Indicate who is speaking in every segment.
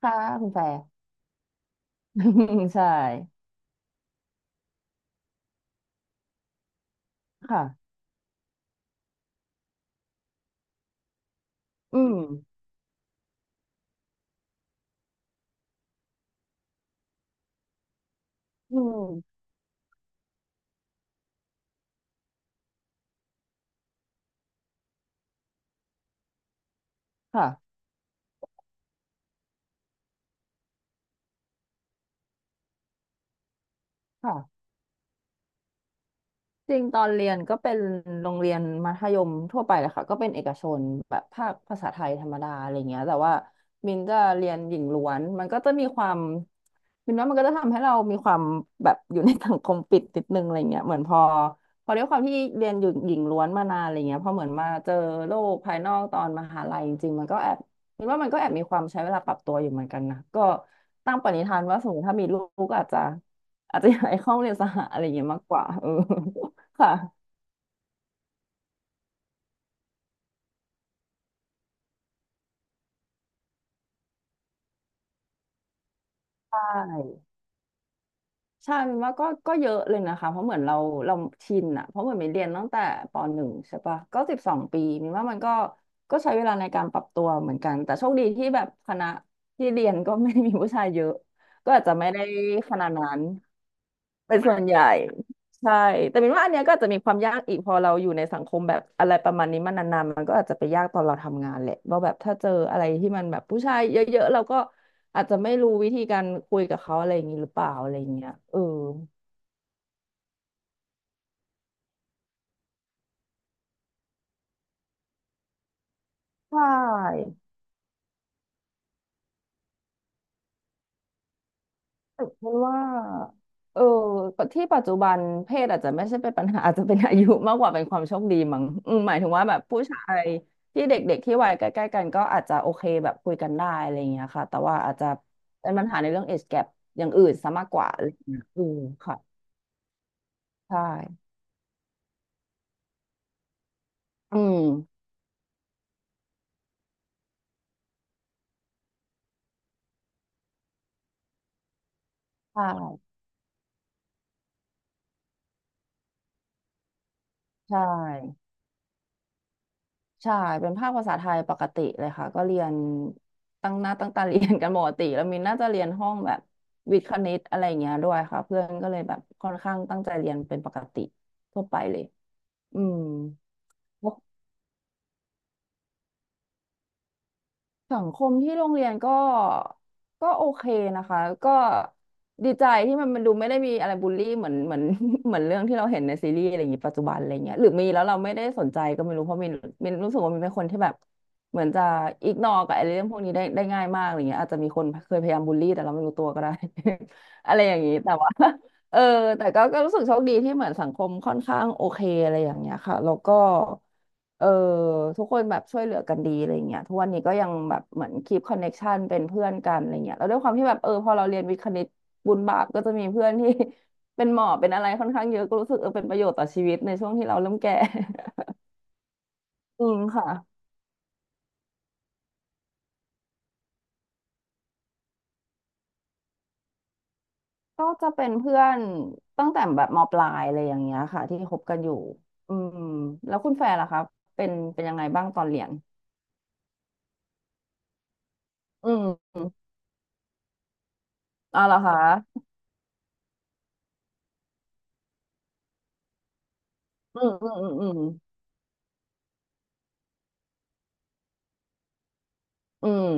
Speaker 1: ค่ะคุณแฟร์ ใช่ค่ะอืมอืมค่ะค่ะ จริงตอนเรียนก็เป็นโรงเรียนมัธยมทั่วไปแหละค่ะก็เป็นเอกชนแบบภาคภาษาไทยธรรมดาอะไรเงี้ยแต่ว่ามินจะเรียนหญิงล้วนมันก็จะมีความมินว่ามันก็จะทำให้เรามีความแบบอยู่ในสังคมปิดนิดนึงอะไรเงี้ยเหมือนพอด้วยความที่เรียนอยู่หญิงล้วนมานานอะไรเงี้ยพอเหมือนมาเจอโลกภายนอกตอนมหาลัยจริงๆมันก็แอบมินว่ามันก็แอบมีความใช้เวลาปรับตัวอยู่เหมือนกันนะก็ตั้งปณิธานว่าสมมติถ้ามีลูกก็อาจจะอยากให้เข้าโรงเรียนสหอะไรเงี้ยมากกว่าเออ ค่ะใช่ใช่มันว่าก็เยอะเลยนะคะเพราะเหมือนเราชินอะเพราะเหมือนมินเรียนตั้งแต่ปหนึ่งใช่ปะก็12 ปีมินว่ามันก็ใช้เวลาในการปรับตัวเหมือนกันแต่โชคดีที่แบบคณะที่เรียนก็ไม่ได้มีผู้ชายเยอะก็อาจจะไม่ได้ขนาดนั้น เป็นส่วนใหญ่ใช่แต่มปนว่าอันเนี้ยก็อาจจะมีความยากอีกพอเราอยู่ในสังคมแบบอะไรประมาณนี้มานานๆมันก็อาจจะไปยากตอนเราทำงานแหละว่าแบบถ้าเจออะไรที่มันแบบผู้ชายเยอะๆเราก็อาจจะไม่รู้วิธีการคุยกับเขาอะไรอย่างนี้หรือเปล่าอะไรอย่างเงี้ยเออใช่ ฉันว่าเออที่ปัจจุบันเพศอาจจะไม่ใช่เป็นปัญหา อาจจะเป็นอายุมากกว่าเป็นความโชคดีมั้งอืมหมายถึงว่าแบบผู้ชายที่เด็กๆที่วัยใกล้ๆกันก็อาจจะโอเคแบบคุยกันได้อะไรอย่างเงี้ยค่ะแต่ว่าอาจจะเป็นปัญหาในเรื่อง age gap อย่างอื่นซะมากกว่าอะไรอย่างเงี้ยอืมค่ะใช่อืมใช่ใช่ ใช่เป็นภาคภาษาไทยปกติเลยค่ะก็เรียนตั้งหน้าตั้งตาเรียนกันปกติแล้ว มินน่าจะเรียนห้องแบบวิทย์คณิตอะไรอย่างเงี้ยด้วยค่ะเพื่อนก็เลยแบบค่อนข้างตั้งใจเรียนเป็นปกติทั่วไปเลยอืม สังคมที่โรงเรียนก็โอเคนะคะก็ดีใจที่มันดูไม่ได้มีอะไรบูลลี่เหมือน เหมือนเรื่องที่เราเห็นในซีรีส์อะไรอย่างนี้ปัจจุบันอะไรเงี้ยหรือมีแล้วเราไม่ได้สนใจก็ไม่รู้เพราะมีมีรู้สึกว่ามีเป็นคนที่แบบเหมือนจะอิกนอกับไอ้เรื่องพวกนี้ได้ง่ายมากอะไรเงี้ยอาจจะมีคนเคยพยายามบูลลี่แต่เราไม่รู้ตัวก็ได้ อะไรอย่างนี้แต่ว่า เออแต่ก็รู้สึกโชคดีที่เหมือนสังคมค่อนข้างโอเคอะไรอย่างเงี้ยค่ะแล้วก็เออทุกคนแบบช่วยเหลือกันดีอะไรเงี้ยทุกวันนี้ก็ยังแบบเหมือนคีปคอนเน็กชันเป็นเพื่อนกันอะไรเงี้ยแล้วด้วยความที่แบบพอเราเรียนวิทย์คณิตบุญบาปก็จะมีเพื่อนที่ เป็นหมอเป็นอะไรค่อนข้างเยอะก็รู้สึกเป็นประโยชน์ต่อชีวิตในช่วงที่เราเริ่มแก่ อืมค่ะก็จะเป็นเพื่อนตั้งแต่แบบมปลายอะไรอย่างเงี้ยค่ะที่คบกันอยู่อืมแล้วคุณแฟนล่ะคะเป็นเป็นยังไงบ้างตอนเรียนอืม อ๋อเหรอคะอืมอืม อืมอืมอืม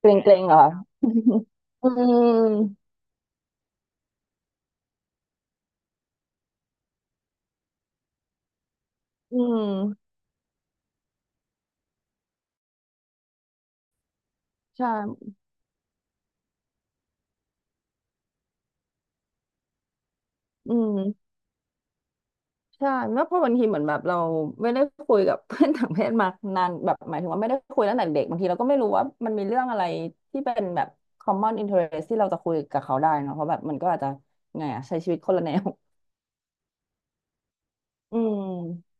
Speaker 1: เกรงเกรงเหรอคะอืมอืมใช่อืมใช่แล้วเพราะบางทีเหมือนแบบเราไม่ได้คุยกับ เพื่อนต่างเพศมานานแบบหมายถึงว่าไม่ได้คุยตั้งแต่เด็กบางทีเราก็ไม่รู้ว่ามันมีเรื่องอะไรที่เป็นแบบ common interest ที่เราจะคุยกับเขาได้เนอะเพราะแบบมันก็อาจจะไงอะใช้ชีวิตคนละแนวอืม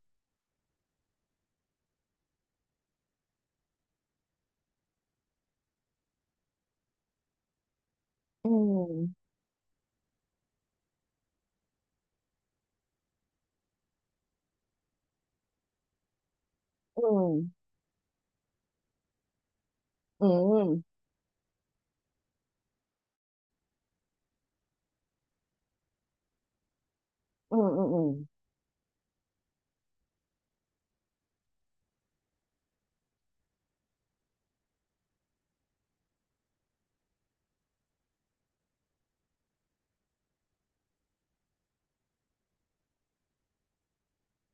Speaker 1: อืมอืมอืมอืมอืมอืมอืม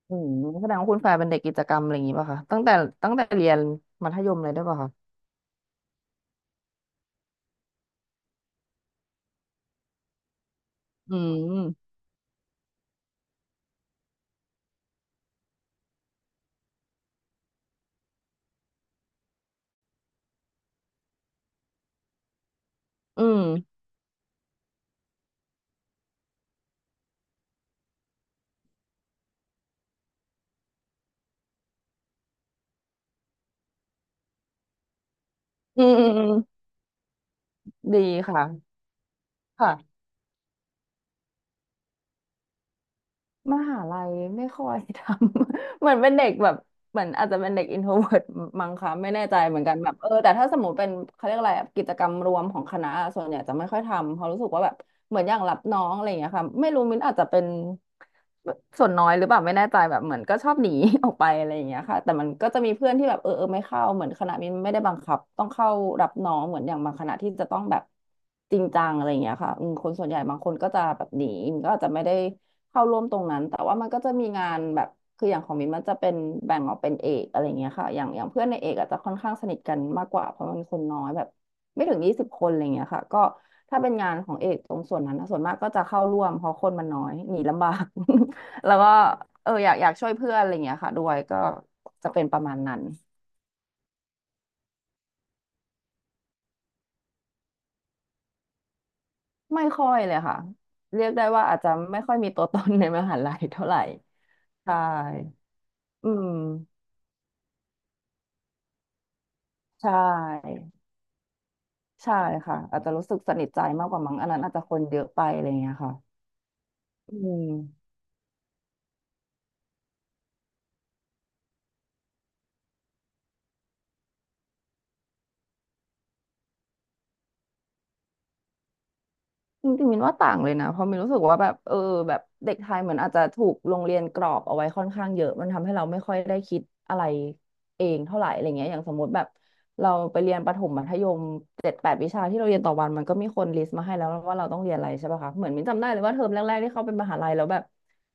Speaker 1: อืมแสดงว่าคุณฝ่ายเป็นเด็กกิจกรรมอะไรอย่างงี้ป่ะคะตั้งแต่เรียนมัธยมเลยได้วยป่ะคะอืมอืมอืมอืมอืมดีค่ะค่ะ มหาลัยไม่ค่อยทำ เหมือนเป็นเด็กแบบเหมือนอาจจะเป็นเด็กอินโทรเวิร์ตมั้งคะไม่แน่ใจเหมือนกันแบบแต่ถ้าสมมติเป็นเขาเรียกอะไรอะกิจกรรมรวมของคณะะส่วนใหญ่จะไม่ค่อยทำเพราะรู้สึกว่าแบบเหมือนอย่างรับน้องอะไรอย่างเงี้ยค่ะไม่รู้มิ้นอาจจะเป็นส่วนน้อยหรือเปล่าไม่แน่ใจแบบเหมือนก็ชอบหนี ออกไปอะไรอย่างเงี้ยค่ะแต่มันก็จะมีเพื่อนที่แบบเออไม่เข้าเหมือนคณะมิ้นไม่ได้บังคับต้องเข้ารับน้องเหมือนอย่างบางคณะที่จะต้องแบบจริงจังอะไรอย่างเงี้ยค่ะอืมคนส่วนใหญ่บางคนก็จะแบบหนีมันก็อาจจะไม่ได้ เข้าร่วมตรงนั้นแต่ว่ามันก็จะมีงานแบบคืออย่างของมินมันจะเป็นแบ่งออกเป็นเอกอะไรเงี้ยค่ะอย่างเพื่อนในเอกอาจจะค่อนข้างสนิทกันมากกว่าเพราะมันคนน้อยแบบไม่ถึง20คนอะไรเงี้ยค่ะก็ถ้าเป็นงานของเอกตรงส่วนนั้นนะส่วนมากก็จะเข้าร่วมเพราะคนมันน้อยหนีลำบาก แล้วก็เอออยากช่วยเพื่อนอะไรเงี้ยค่ะด้วยก็จะเป็นประมาณนั้นไม่ค่อยเลยค่ะเรียกได้ว่าอาจจะไม่ค่อยมีตัวตนในมหาลัยเท่าไหร่ใช่อืมใช่ ใช่ค่ะอาจจะรู้สึกสนิทใจมากกว่ามั้งอันนั้นอาจจะคนเยอะไปอะไรอย่างเงี้ยค่ะอืมจริงๆมินว่าต่างเลยนะเพราะมินรู้สึกว่าแบบเออแบบเด็กไทยเหมือนอาจจะถูกโรงเรียนกรอบเอาไว้ค่อนข้างเยอะมันทำให้เราไม่ค่อยได้คิดอะไรเองเท่าไหร่อะไรเงี้ยอย่างสมมติแบบเราไปเรียนประถมมัธยม7-8วิชาที่เราเรียนต่อวันมันก็มีคนลิสต์มาให้แล้วว่าเราต้องเรียนอะไรใช่ป่ะคะเหมือนมินจำได้เลยว่าเทอมแรกๆที่เข้าเป็นมหาลัยแล้วแบบ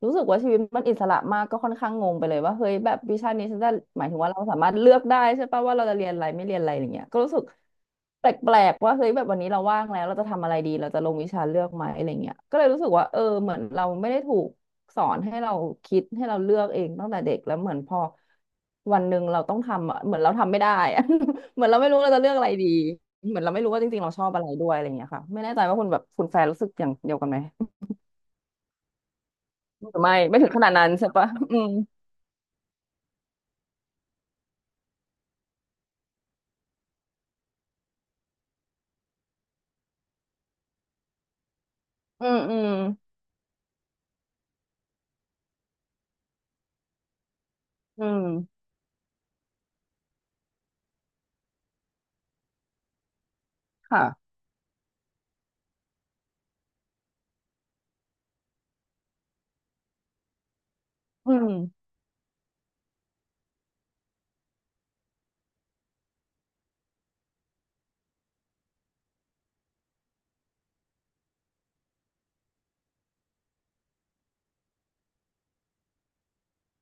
Speaker 1: รู้สึกว่าชีวิตมันอิสระมากก็ค่อนข้างงงไปเลยว่าเฮ้ยแบบวิชานี้ฉันจะหมายถึงว่าเราสามารถเลือกได้ใช่ปะว่าเราจะเรียนอะไรไม่เรียนอะไรอย่างเงี้ยก็รู้สึกแปลกๆว่าเฮ้ยแบบวันนี้เราว่างแล้วเราจะทำอะไรดีเราจะลงวิชาเลือกไหมอะไรเงี้ยก็เลยรู้สึกว่าเออเหมือนเราไม่ได้ถูกสอนให้เราคิดให้เราเลือกเองตั้งแต่เด็กแล้วเหมือนพอวันหนึ่งเราต้องทำอะเหมือนเราทำไม่ได้อะ เหมือนเราไม่รู้เราจะเลือกอะไรดีเหมือนเราไม่รู้ว่าจริงๆเราชอบอะไรด้วยอะไรเงี้ยค่ะไม่แน่ใจว่าคุณแฟนรู้สึกอย่างเดียวกันไหมไม่ถึงขนาดนั้นใช่ปะอืม อืมอืมค่ะอืม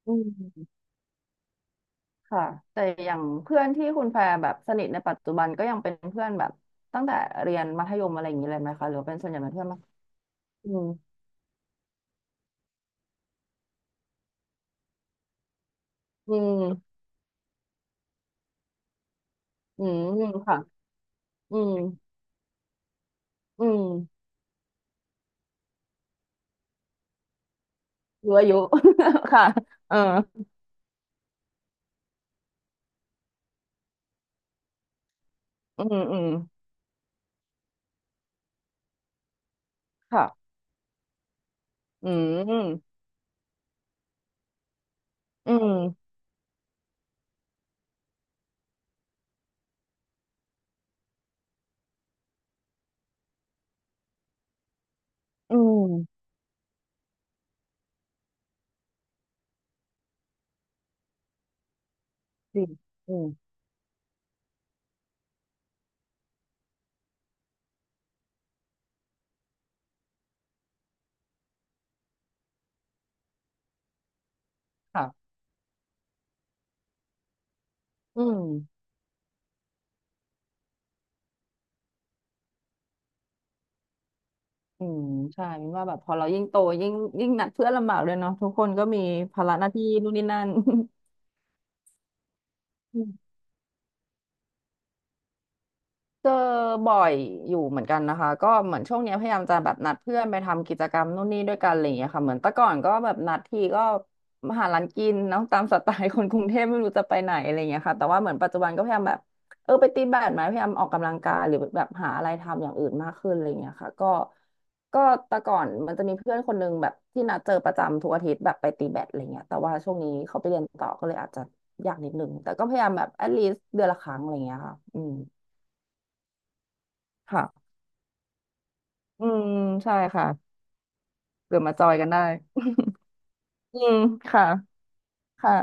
Speaker 1: อืมค่ะแต่อย่างเพื่อนที่คุณแพรแบบสนิทในปัจจุบันก็ยังเป็นเพื่อนแบบตั้งแต่เรียนมัธยมอะไรอย่างนี้เลยไหมคะหรือว่าเป็นส่วนใหญ่เป็นเพื่อนมากอืมอืมอืมค่ะอืมอืมรู้อายุ ค่ะเอออืมค่ะอืมอืมอืมดีอืมค่ะอืม อืมใช่มินว่าแบบพอเรายิ่งโตยิ่งยิ่งหนักเพื่อนลำบากเลยเนาะทุกคนก็มีภาระหน้าที่นู่นนี่นั่น เจอบ่อยอยู่เหมือนกันนะคะก็เหมือนช่วงเนี้ยพยายามจะแบบนัดเพื่อนไปทำกิจกรรมนู่นนี่ด้วยกันอะไรอย่างเงี้ยค่ะเหมือนแต่ก่อนก็แบบนัดทีก็มาหาร้านกินเนาะตามสไตล์คนกรุงเทพไม่รู้จะไปไหนอะไรอย่างเงี้ยค่ะแต่ว่าเหมือนปัจจุบันก็พยายามแบบเออไปตีแบดไหมพยายามออกกำลังกายหรือแบบหาอะไรทำอย่างอื่นมากขึ้นอะไรอย่างเงี้ยค่ะก็ก็แต่ก่อนมันจะมีเพื่อนคนนึงแบบที่นัดเจอประจำทุกอาทิตย์แบบไปตีแบดอะไรเงี้ยแต่ว่าช่วงนี้เขาไปเรียนต่อก็เลยอาจจะยากนิดนึงแต่ก็พยายามแบบ at least เดือนละครั้งอะไรอย่างเงี้ยค่ะอืมค่ะ อืมใช่ค่ะเกิดมาจอยกันได้อืมค่ะค่ะ